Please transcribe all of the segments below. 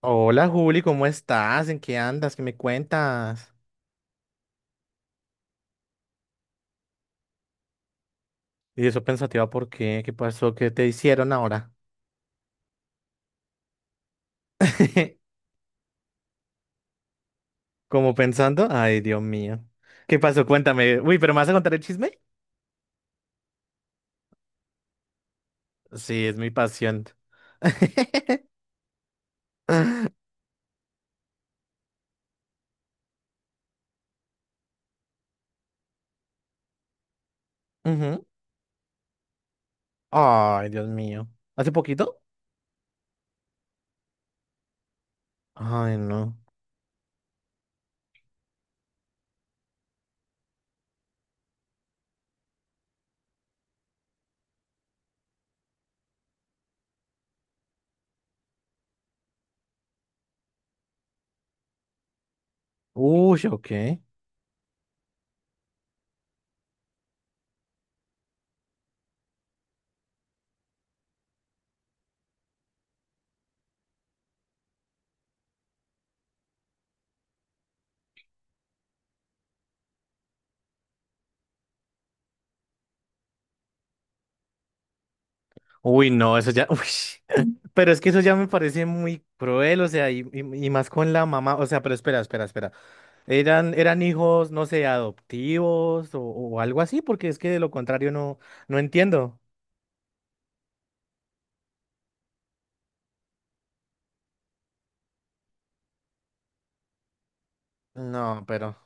Hola Juli, ¿cómo estás? ¿En qué andas? ¿Qué me cuentas? Y eso pensativa, ¿por qué? ¿Qué pasó? ¿Qué te hicieron ahora? Como pensando, ay Dios mío. ¿Qué pasó? Cuéntame. Uy, ¿pero me vas a contar el chisme? Sí, es mi pasión. Ujú. Ay, Dios mío. ¿Hace poquito? Ay, no. Uy, ok. Uy, no, eso ya. Uy. Pero es que eso ya me parece muy cruel, o sea, y más con la mamá. O sea, pero espera, espera, espera. Eran hijos, no sé, adoptivos o algo así, porque es que de lo contrario no, no entiendo. No, pero.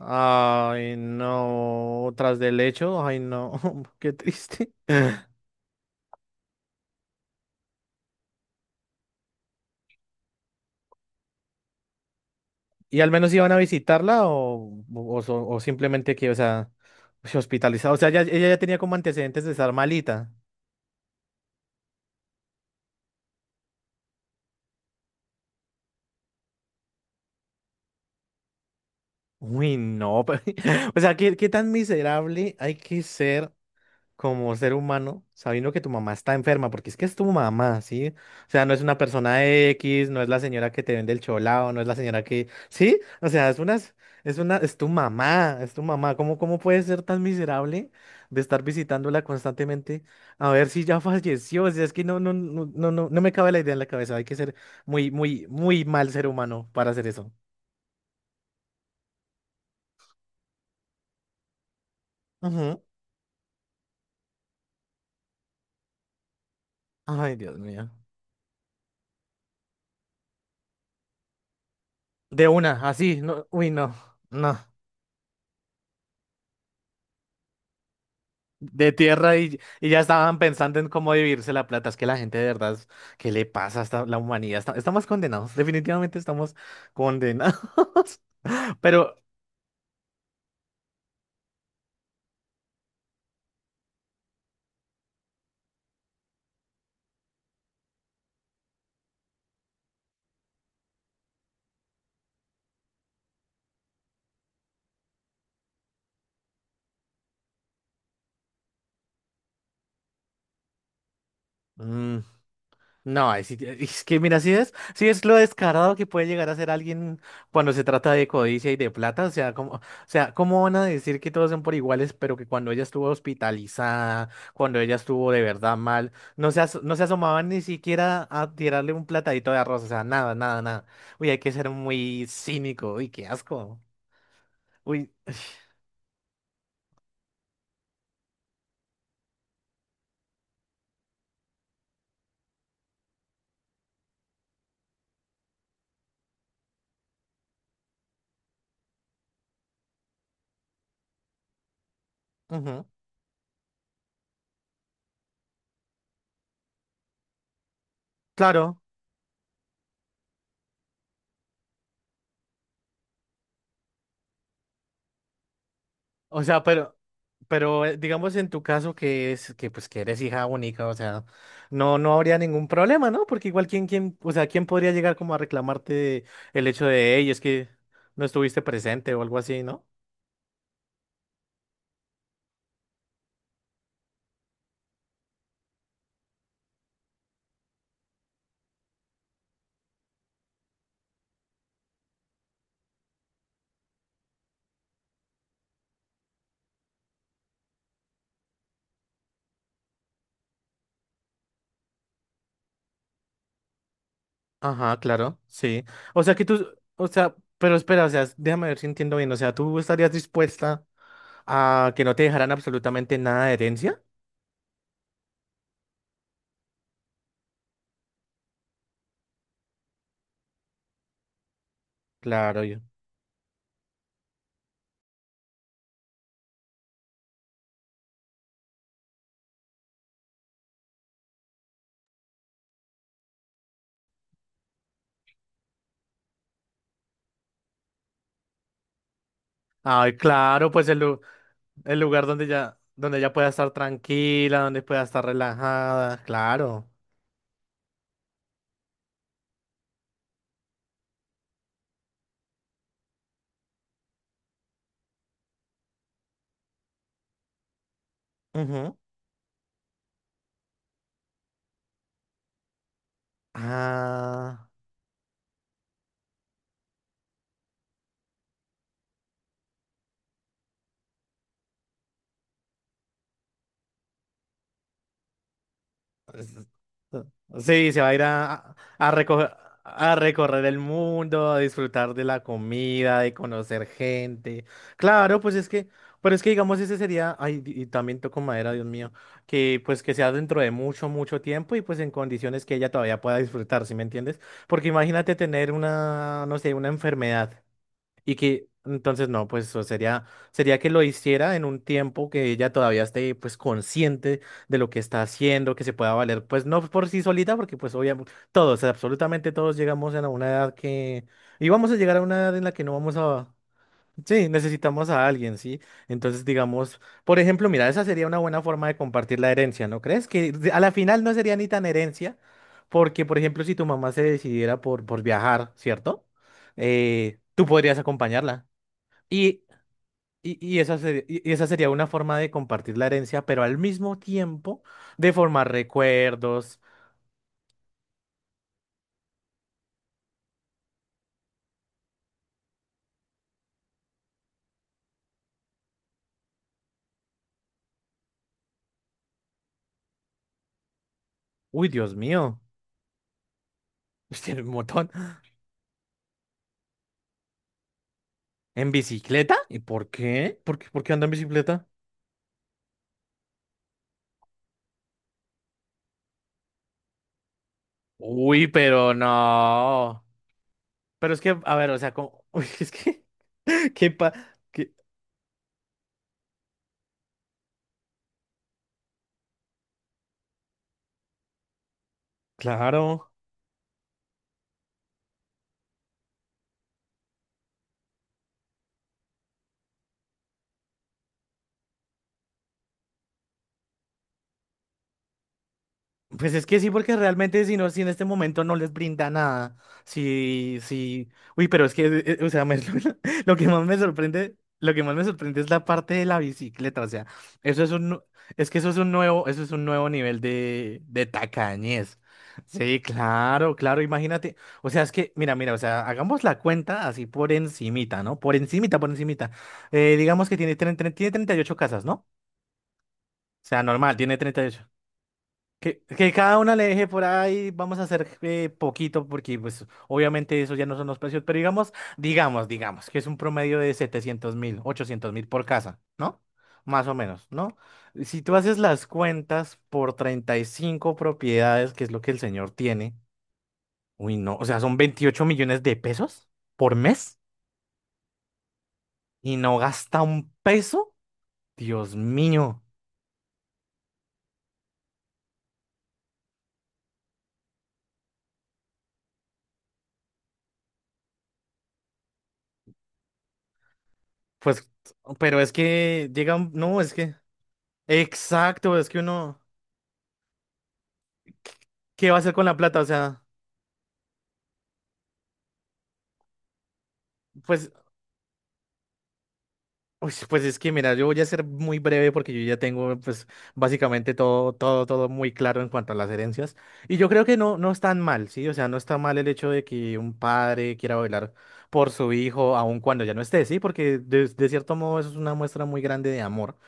Ay, no. Tras del hecho, ay, no. Qué triste. ¿Y al menos iban a visitarla o simplemente que, o sea, se hospitalizaba? O sea, ella ya tenía como antecedentes de estar malita. Uy, no. pero- O sea, qué tan miserable hay que ser? Como ser humano, sabiendo que tu mamá está enferma, porque es que es tu mamá, ¿sí? O sea, no es una persona X, no es la señora que te vende el cholao, no es la señora que, ¿sí? O sea, es una, es tu mamá, es tu mamá. Cómo puedes ser tan miserable de estar visitándola constantemente a ver si ya falleció? O sea, es que no me cabe la idea en la cabeza. Hay que ser muy, muy, muy mal ser humano para hacer eso. Ujú. Ay, Dios mío. De una, así, no, uy, no. De tierra y ya estaban pensando en cómo dividirse la plata. Es que la gente de verdad, ¿qué le pasa a la humanidad? Estamos condenados, definitivamente estamos condenados. Pero, mm, no, ahí sí es, que mira, si es lo descarado que puede llegar a ser alguien cuando se trata de codicia y de plata, o sea, como, o sea, ¿cómo van a decir que todos son por iguales, pero que cuando ella estuvo hospitalizada, cuando ella estuvo de verdad mal, no se, no se asomaban ni siquiera a tirarle un platadito de arroz, o sea, nada, nada, nada. Uy, hay que ser muy cínico, uy, qué asco. Uy, ujú, claro. O sea, pero, pero digamos en tu caso que es que pues que eres hija única, o sea, no, no habría ningún problema, ¿no? Porque igual quién, o sea, quién podría llegar como a reclamarte el hecho de, hey, es que no estuviste presente o algo así, ¿no? Ajá, claro, sí. O sea que tú, o sea, pero espera, o sea, déjame ver si entiendo bien. O sea, ¿tú estarías dispuesta a que no te dejaran absolutamente nada de herencia? Claro, yo. Ay, claro, pues el lugar donde ya pueda estar tranquila, donde pueda estar relajada, claro. Ujú. Ah, sí, se va a ir a recoger, a recorrer el mundo, a disfrutar de la comida, de conocer gente. Claro, pues es que, pero es que digamos, ese sería, ay, y también toco madera, Dios mío, que pues que sea dentro de mucho, mucho tiempo y pues en condiciones que ella todavía pueda disfrutar, ¿sí me entiendes? Porque imagínate tener una, no sé, una enfermedad. Y que entonces no, pues o sería, sería que lo hiciera en un tiempo que ella todavía esté pues consciente de lo que está haciendo, que se pueda valer, pues no por sí solita, porque pues obviamente todos, absolutamente todos llegamos a una edad que, y vamos a llegar a una edad en la que no vamos a, sí, necesitamos a alguien, ¿sí? Entonces, digamos, por ejemplo, mira, esa sería una buena forma de compartir la herencia, ¿no crees? Que a la final no sería ni tan herencia, porque, por ejemplo, si tu mamá se decidiera por viajar, ¿cierto? Tú podrías acompañarla. Y, y esa sería, y esa sería una forma de compartir la herencia, pero al mismo tiempo de formar recuerdos. Uy, Dios mío, tiene un montón. ¿En bicicleta? ¿Y por qué? Por qué anda en bicicleta? Uy, pero no. Pero es que, a ver, o sea, como, uy, qué pa, qué- claro. Pues es que sí, porque realmente si no, si en este momento no les brinda nada, sí, sí, uy, pero es que, o sea, lo que más me sorprende, lo que más me sorprende es la parte de la bicicleta, o sea, eso es un, nu- es que eso es un nuevo, eso es un nuevo nivel de tacañez. Sí, claro, claro, imagínate, o sea, es que, mira, mira, o sea, hagamos la cuenta así por encimita, ¿no? Por encimita, por encimita. Digamos que tiene, tiene 38 casas, ¿no? O sea, normal, tiene 38. Que cada una le deje por ahí, vamos a hacer poquito porque pues obviamente eso ya no son los precios, pero digamos, digamos, digamos, que es un promedio de 700.000, 800.000 por casa, ¿no? Más o menos, ¿no? Si tú haces las cuentas por 35 propiedades, que es lo que el señor tiene, uy, no, o sea, son 28 millones de pesos por mes y no gasta un peso, Dios mío, pues, pero es que llega, no, es que, exacto, es que uno... ¿Qué va a hacer con la plata? O sea, pues uy, pues es que mira, yo voy a ser muy breve porque yo ya tengo pues básicamente todo, todo, todo muy claro en cuanto a las herencias. Y yo creo que no, no es tan mal, ¿sí? O sea, no está mal el hecho de que un padre quiera velar por su hijo aun cuando ya no esté, ¿sí? Porque de cierto modo eso es una muestra muy grande de amor.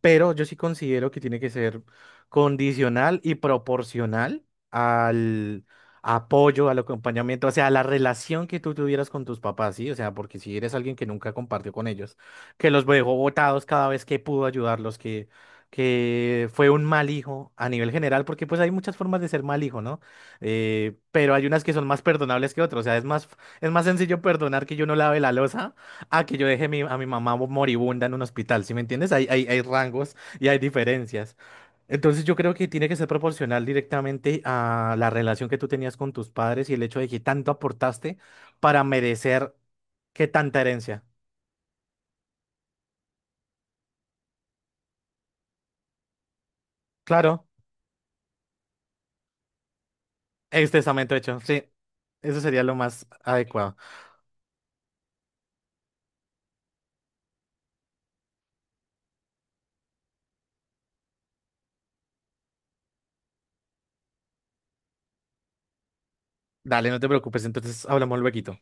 Pero yo sí considero que tiene que ser condicional y proporcional al apoyo, al acompañamiento, o sea, a la relación que tú tuvieras con tus papás, ¿sí? O sea, porque si eres alguien que nunca compartió con ellos que los dejó botados cada vez que pudo ayudarlos, que fue un mal hijo a nivel general, porque pues hay muchas formas de ser mal hijo, ¿no? Pero hay unas que son más perdonables que otras, o sea, es más sencillo perdonar que yo no lave la loza a que yo a mi mamá moribunda en un hospital, ¿sí me entiendes? Hay rangos y hay diferencias. Entonces yo creo que tiene que ser proporcional directamente a la relación que tú tenías con tus padres y el hecho de que tanto aportaste para merecer que tanta herencia. Claro. Extensamente hecho, sí. Eso sería lo más adecuado. Dale, no te preocupes, entonces hablamos luego.